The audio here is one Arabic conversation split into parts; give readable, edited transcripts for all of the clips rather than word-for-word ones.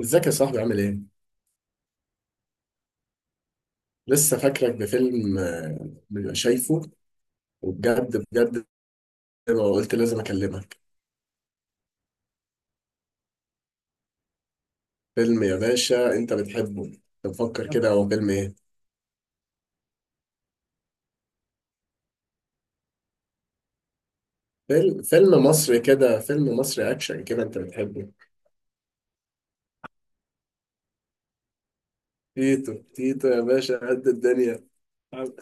ازيك يا صاحبي عامل ايه؟ لسه فاكرك بفيلم شايفه. وبجد بجد ما قلت لازم اكلمك. فيلم يا باشا انت بتحبه، تفكر كده هو فيلم ايه؟ فيلم فيلم مصري كده، فيلم مصري اكشن كده انت بتحبه. تيتو تيتو يا باشا قد الدنيا. انت،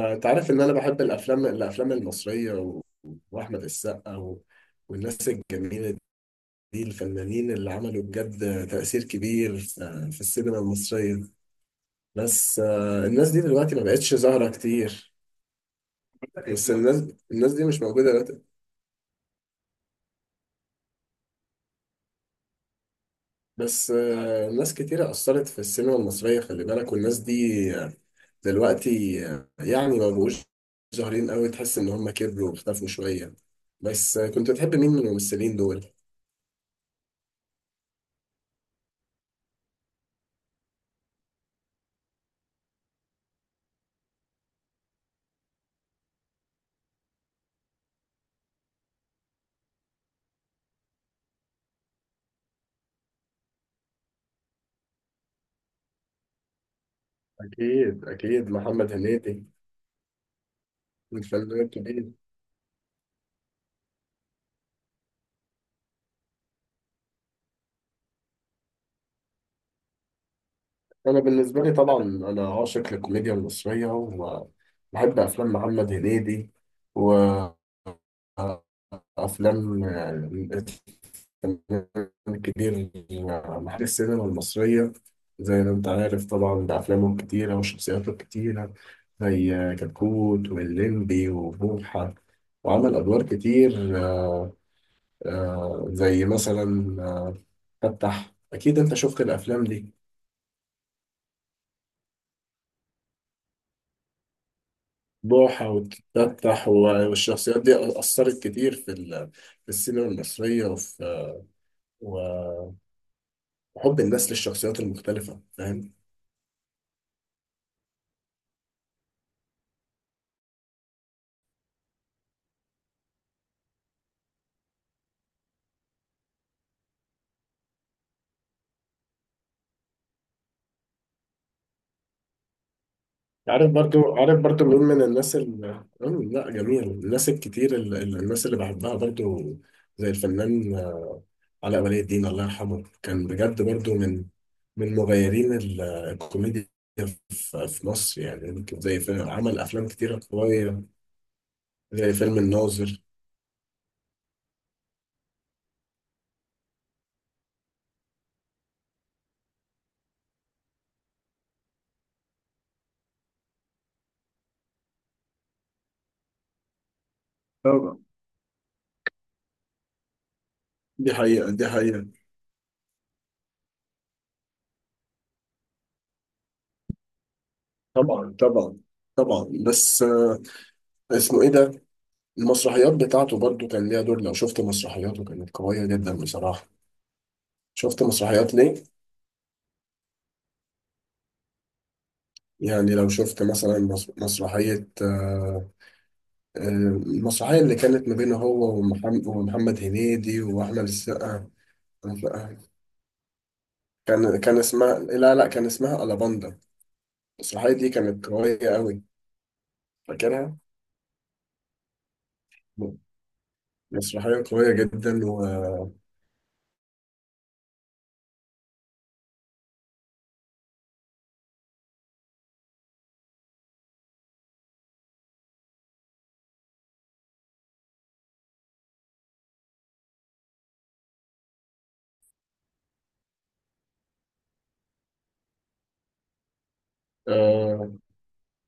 أنت عارف ان انا بحب الافلام الافلام المصرية و... واحمد السقا و... والناس الجميلة دي، الفنانين اللي عملوا بجد تأثير كبير في السينما المصرية. بس الناس دي دلوقتي ما بقتش ظاهرة كتير. بس الناس، الناس دي مش موجودة دلوقتي. بس ناس كتيرة أثرت في السينما المصرية، خلي بالك، والناس دي آه، دلوقتي يعني ما بقوش ظاهرين قوي، تحس إن هم كبروا واختفوا شوية. بس كنت بتحب مين من الممثلين دول؟ أكيد أكيد محمد هنيدي، الفنان الكبير. انا بالنسبه لي طبعا انا عاشق للكوميديا المصريه وبحب افلام محمد هنيدي، وافلام الكبير محل السينما المصريه، زي ما انت عارف طبعا، بافلامه الكتيره وشخصياته الكتيره، زي كتكوت واللمبي وبوحه، وعمل ادوار كتير. زي مثلا فتح، اكيد انت شفت الافلام دي، بوحة وتفتح والشخصيات دي أثرت كتير في في السينما المصرية، وفي و- وحب الناس للشخصيات المختلفة، فاهم. عارف برضو، عارف برضو مين من لا جميل. الناس الكتير الناس اللي بحبها برضو، زي الفنان علاء ولي الدين، الله يرحمه، كان بجد برضو من مغيرين الكوميديا في مصر، يعني يمكن زي فيلم، عمل أفلام كتيرة قوية، زي فيلم الناظر. طبعا، دي حقيقة، دي حقيقة. طبعا طبعا طبعا. بس اسمه ايه ده، المسرحيات بتاعته برضو كان ليها دور، لو شفت مسرحياته كانت قوية جدا بصراحة. شفت مسرحيات ليه؟ يعني لو شفت مثلا مسرحية آه، المسرحية اللي كانت ما بينه هو ومحمد, ومحمد هنيدي وأحمد السقا. كان اسمها، لا لا، كان اسمها ألاباندا. المسرحية دي كانت قوية قوي، فاكرها؟ مسرحية قوية جدا و آه،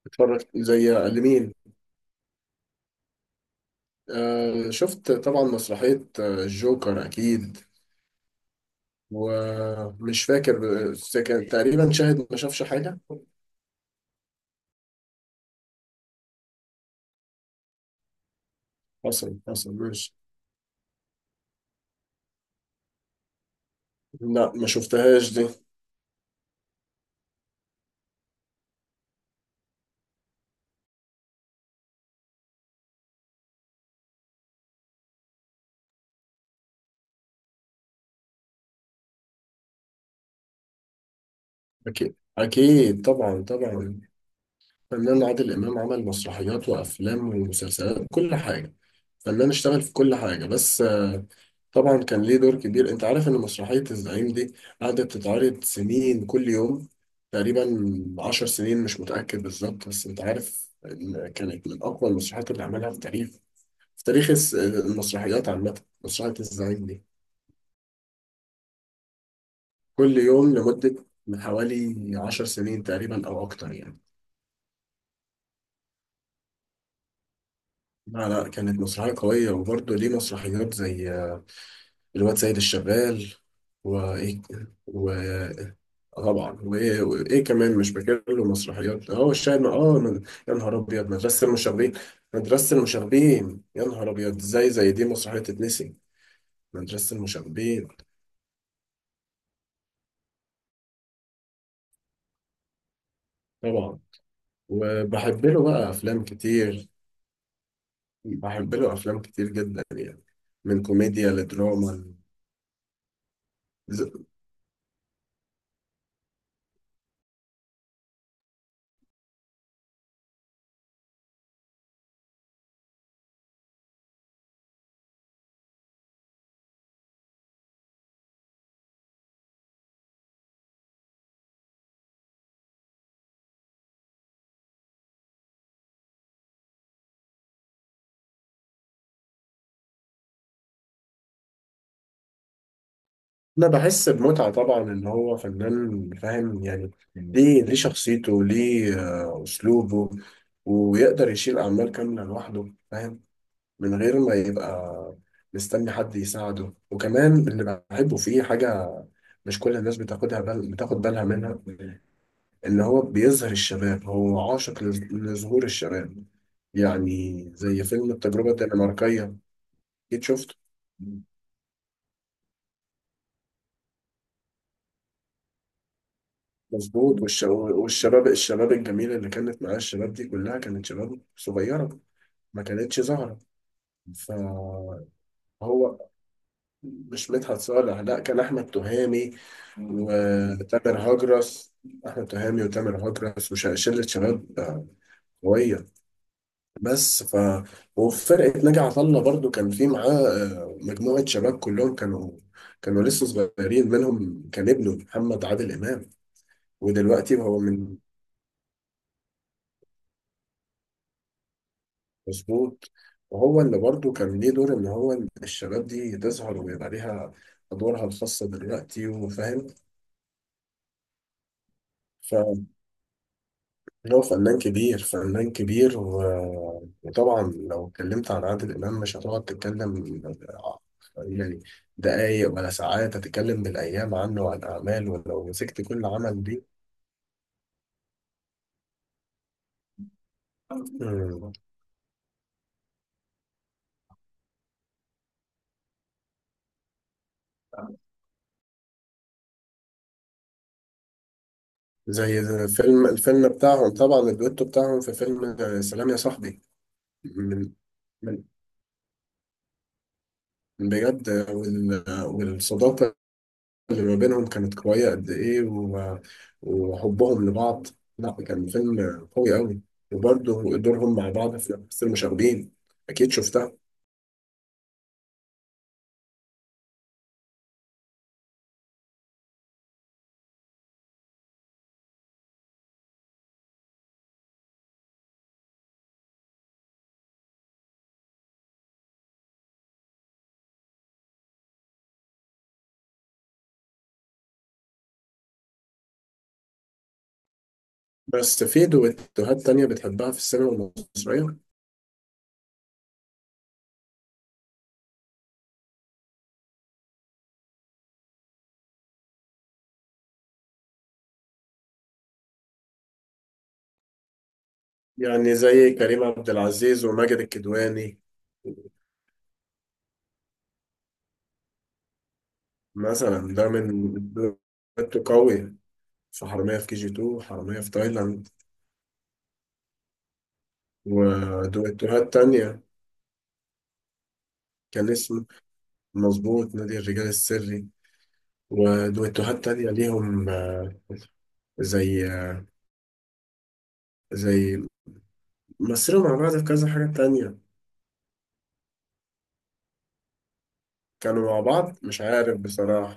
اتفرجت زي لمين؟ شفت طبعا مسرحية الجوكر أكيد، ومش فاكر، بس كان تقريبا شاهد ما شافش حاجة. حصل حصل ماشي. لا ما شفتهاش دي. أكيد أكيد طبعا طبعا. فنان عادل إمام عمل مسرحيات وأفلام ومسلسلات، كل حاجة، فنان اشتغل في كل حاجة. بس طبعا كان ليه دور كبير، انت عارف ان مسرحية الزعيم دي قعدت تتعرض سنين، كل يوم تقريبا، عشر سنين مش متأكد بالظبط، بس انت عارف ان كانت من اقوى المسرحيات اللي عملها في تاريخ، في تاريخ المسرحيات عامة، مسرحية الزعيم دي كل يوم لمدة من حوالي عشر سنين تقريبا او اكتر يعني. لا لا، كانت مسرحية قوية، وبرضه ليه مسرحيات زي الواد سيد الشغال و... طبعا، وايه وايه كمان مش فاكر له مسرحيات، هو الشاهد، اه، من يا نهار ابيض مدرسه المشاغبين، مدرسه المشاغبين، يا نهار ابيض ازاي زي دي مسرحيه تتنسي. مدرسه المشاغبين طبعا. وبحب له بقى افلام كتير، بحب له افلام كتير جدا يعني، من كوميديا لدراما. ز- انا بحس بمتعه طبعا، ان هو فنان فاهم، يعني ليه، ليه شخصيته، ليه اسلوبه، ويقدر يشيل اعمال كامله لوحده، فاهم، من غير ما يبقى مستني حد يساعده. وكمان اللي بحبه فيه حاجه مش كل الناس بتاخدها بال، بتاخد بالها منها، ان هو بيظهر الشباب، هو عاشق لظهور الشباب. يعني زي فيلم التجربه الدنماركيه، اكيد شفته. مظبوط، والشباب والشباب، الشباب الجميلة اللي كانت معاه، الشباب دي كلها كانت شباب صغيرة، ما كانتش زهرة. فهو مش مدحت صالح، لا، كان أحمد تهامي وتامر هجرس. أحمد تهامي وتامر هجرس وشلة شباب قوية. بس ف، وفي فرقة ناجي عطا الله برضو كان في معاه مجموعة شباب كلهم كانوا، كانوا لسه صغيرين، منهم كان ابنه محمد عادل إمام، ودلوقتي هو من، مظبوط. وهو اللي برضه كان ليه دور ان هو إن الشباب دي تظهر ويبقى ليها ادوارها الخاصه دلوقتي، وفاهم، فهو فنان كبير، فنان كبير وطبعا لو اتكلمت عن عادل امام مش هتقعد تتكلم يعني دقايق ولا ساعات، هتتكلم بالايام عنه وعن اعماله ولو مسكت كل عمل دي. مم. زي الفيلم، الفيلم بتاعهم طبعا، الدويتو بتاعهم في فيلم سلام يا صاحبي. من، من بجد، والصداقة اللي ما بينهم كانت قوية قد إيه و... وحبهم لبعض. لا كان فيلم قوي أوي. وبرضه دورهم مع بعض في المشاغبين، أكيد شفتها. بس في دويتوهات تانية بتحبها في السينما المصرية؟ يعني زي كريم عبد العزيز وماجد الكدواني، مثلا ده من دويتو قوي، في حرامية في كي جي 2 وحرامية في تايلاند، ودويتوهات تانية كان اسمه، مظبوط، نادي الرجال السري. ودويتوهات تانية ليهم زي، زي، مثلوا مع بعض في كذا حاجة تانية، كانوا مع بعض مش عارف بصراحة،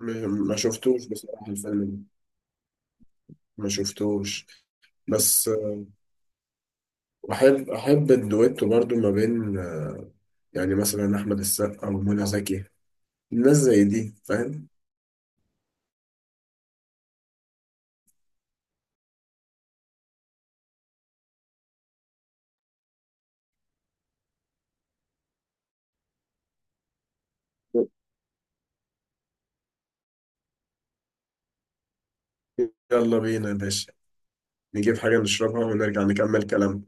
ما شفتوش بصراحة الفيلم ده، ما شفتوش. بس أحب، أحب الدويتو برضو ما بين يعني مثلا أحمد السقا ومنى زكي، الناس زي دي، فاهم. يلا بينا يا باشا، نجيب حاجة نشربها ونرجع نكمل كلامنا.